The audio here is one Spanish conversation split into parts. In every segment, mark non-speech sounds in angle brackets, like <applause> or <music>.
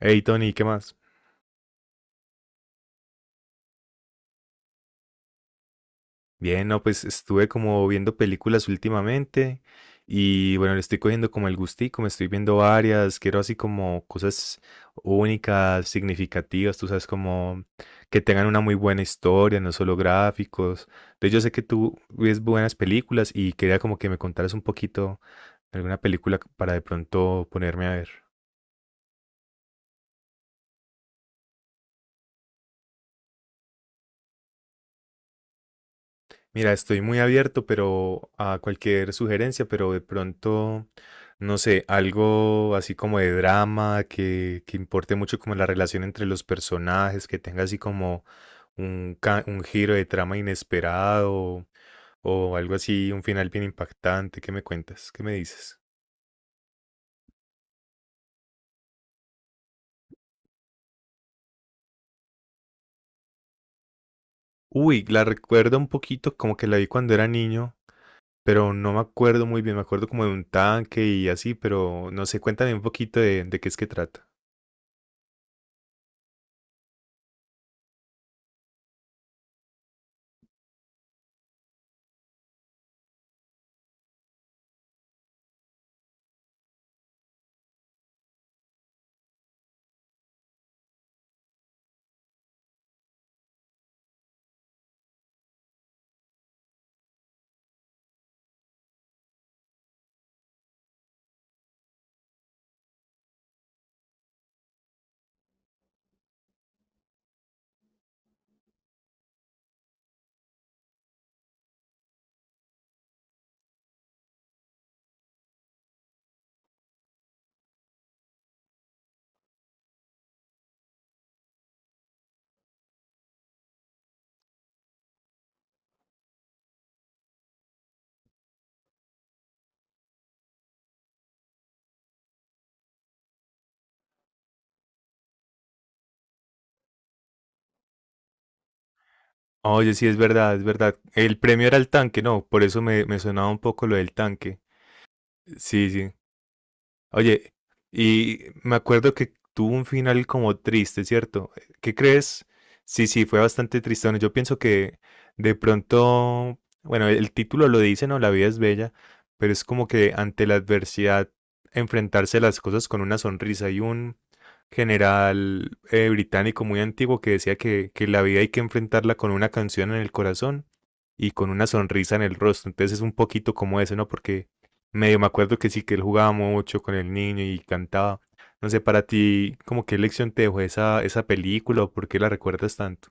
Hey Tony, ¿qué más? Bien, no, pues estuve como viendo películas últimamente y bueno, le estoy cogiendo como el gustico, me estoy viendo varias, quiero así como cosas únicas, significativas, tú sabes, como que tengan una muy buena historia, no solo gráficos. Entonces yo sé que tú ves buenas películas y quería como que me contaras un poquito de alguna película para de pronto ponerme a ver. Mira, estoy muy abierto, pero a cualquier sugerencia, pero de pronto, no sé, algo así como de drama, que importe mucho como la relación entre los personajes, que tenga así como un, un giro de trama inesperado o algo así, un final bien impactante. ¿Qué me cuentas? ¿Qué me dices? Uy, la recuerdo un poquito, como que la vi cuando era niño, pero no me acuerdo muy bien, me acuerdo como de un tanque y así, pero no sé, cuéntame un poquito de qué es que trata. Oye, sí, es verdad, es verdad. El premio era el tanque, no, por eso me, me sonaba un poco lo del tanque. Sí, sí. Oye, y me acuerdo que tuvo un final como triste, ¿cierto? ¿Qué crees? Sí, sí, fue bastante tristón. Yo pienso que de pronto, bueno, el título lo dice, ¿no? La vida es bella, pero es como que ante la adversidad, enfrentarse a las cosas con una sonrisa. Hay un general británico muy antiguo que decía que la vida hay que enfrentarla con una canción en el corazón y con una sonrisa en el rostro. Entonces es un poquito como eso, ¿no? Porque medio me acuerdo que sí, que él jugaba mucho con el niño y cantaba. No sé, para ti, ¿como qué lección te dejó esa película o por qué la recuerdas tanto?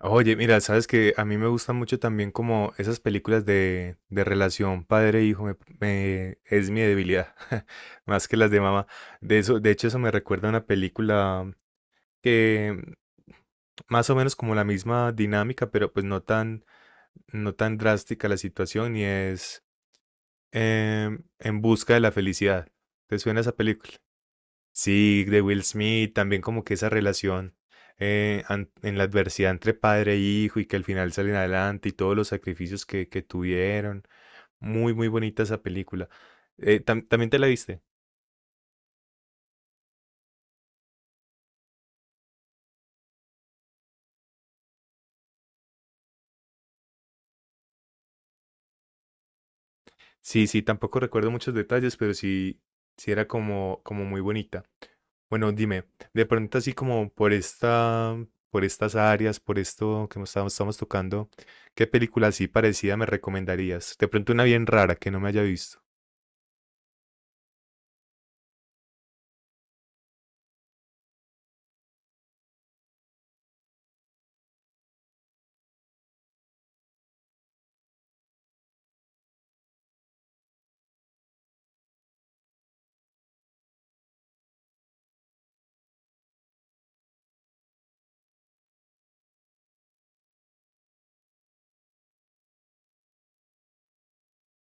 Oye, mira, sabes que a mí me gustan mucho también como esas películas de relación padre-hijo, es mi debilidad, <laughs> más que las de mamá. De eso, de hecho, eso me recuerda a una película que más o menos como la misma dinámica, pero pues no tan drástica la situación y es En busca de la felicidad. ¿Te suena esa película? Sí, de Will Smith, también como que esa relación en la adversidad entre padre e hijo y que al final salen adelante y todos los sacrificios que tuvieron. Muy, muy bonita esa película. ¿También te la viste? Sí, sí, tampoco recuerdo muchos detalles, pero sí, sí era como, como muy bonita. Bueno, dime, de pronto así como por esta, por estas áreas, por esto que estamos tocando, ¿qué película así parecida me recomendarías? De pronto una bien rara que no me haya visto.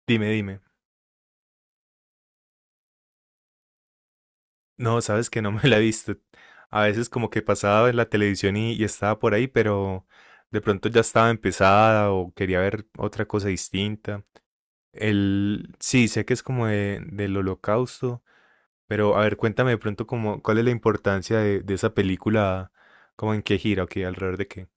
Dime, dime. No, sabes que no me la he visto. A veces como que pasaba en la televisión y estaba por ahí, pero de pronto ya estaba empezada o quería ver otra cosa distinta. El, sí, sé que es como del holocausto. Pero a ver, cuéntame de pronto como, cuál es la importancia de esa película, como en qué gira, ok, alrededor de qué.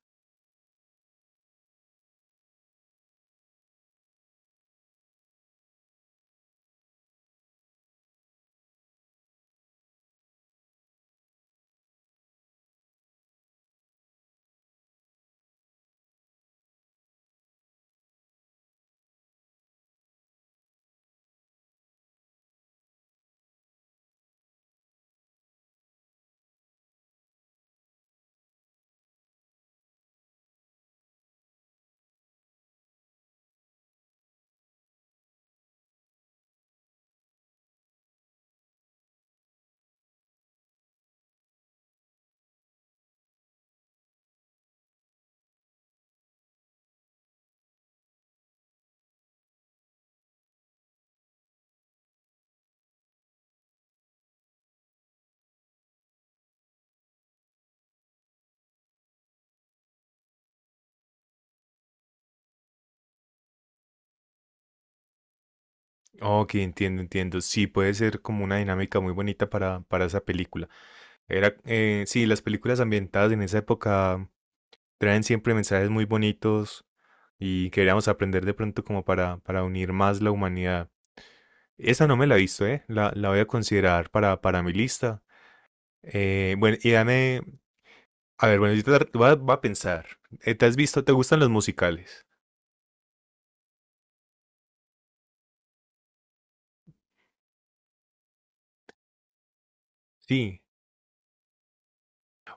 Ok, entiendo, entiendo. Sí, puede ser como una dinámica muy bonita para esa película. Era, sí, las películas ambientadas en esa época traen siempre mensajes muy bonitos y queríamos aprender de pronto como para unir más la humanidad. Esa no me la he visto, ¿eh? La voy a considerar para mi lista. Bueno, y dame, a ver, bueno, yo te voy a pensar. ¿Te has visto, te gustan los musicales? Sí.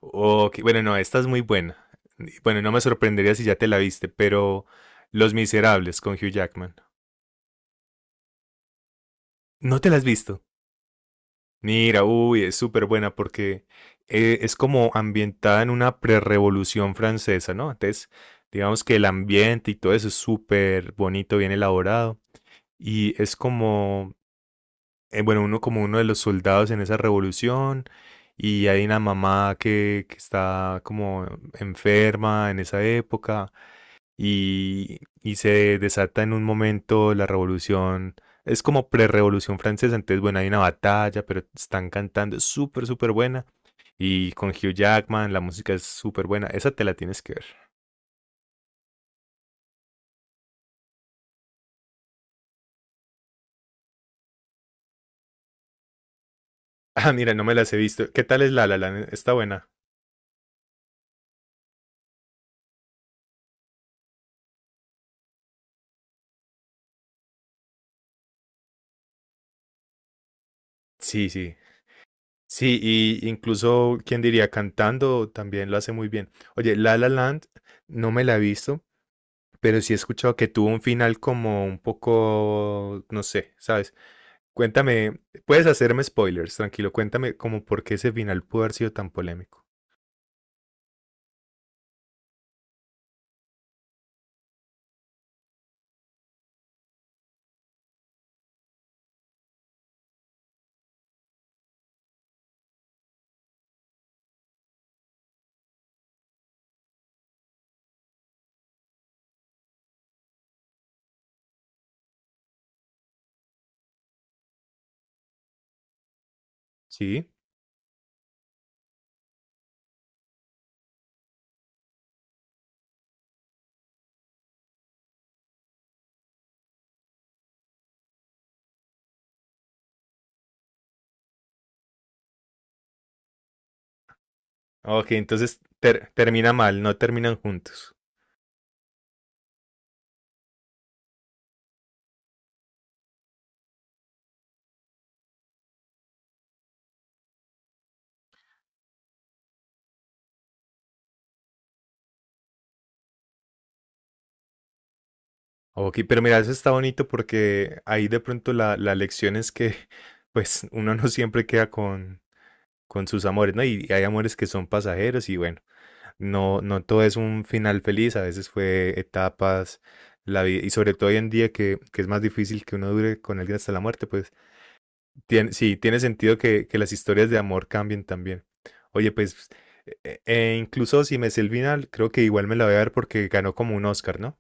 Ok, bueno, no, esta es muy buena. Bueno, no me sorprendería si ya te la viste, pero Los Miserables con Hugh Jackman. ¿No te la has visto? Mira, uy, es súper buena porque es como ambientada en una prerrevolución francesa, ¿no? Entonces, digamos que el ambiente y todo eso es súper bonito, bien elaborado. Y es como, bueno, uno como uno de los soldados en esa revolución. Y hay una mamá que está como enferma en esa época y se desata en un momento la revolución. Es como pre-revolución francesa, entonces bueno, hay una batalla, pero están cantando, es súper, súper buena. Y con Hugh Jackman, la música es súper buena. Esa te la tienes que ver. <laughs> Ah, mira, no me las he visto. ¿Qué tal es La La Land? Está buena. Sí, sí. Sí, y incluso, ¿quién diría? Cantando también lo hace muy bien. Oye, La La Land no me la he visto, pero sí he escuchado que tuvo un final como un poco, no sé, ¿sabes? Cuéntame, puedes hacerme spoilers, tranquilo, cuéntame como por qué ese final pudo haber sido tan polémico. ¿Sí? Ok, entonces termina mal, no terminan juntos. Ok, pero mira, eso está bonito porque ahí de pronto la, la lección es que <laughs> pues uno no siempre queda con sus amores, ¿no? Y hay amores que son pasajeros y bueno, no, no todo es un final feliz, a veces fue etapas, la vida, y sobre todo hoy en día que es más difícil que uno dure con alguien hasta la muerte, pues sí, tiene sentido que las historias de amor cambien también. Oye, pues, e incluso si me sé el final, creo que igual me la voy a ver porque ganó como un Oscar, ¿no?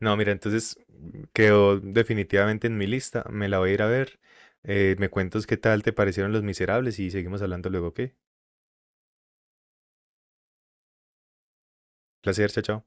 No, mira, entonces quedó definitivamente en mi lista. Me la voy a ir a ver. Me cuentas qué tal te parecieron Los Miserables y seguimos hablando luego, ¿ok? Placer, chao, chao.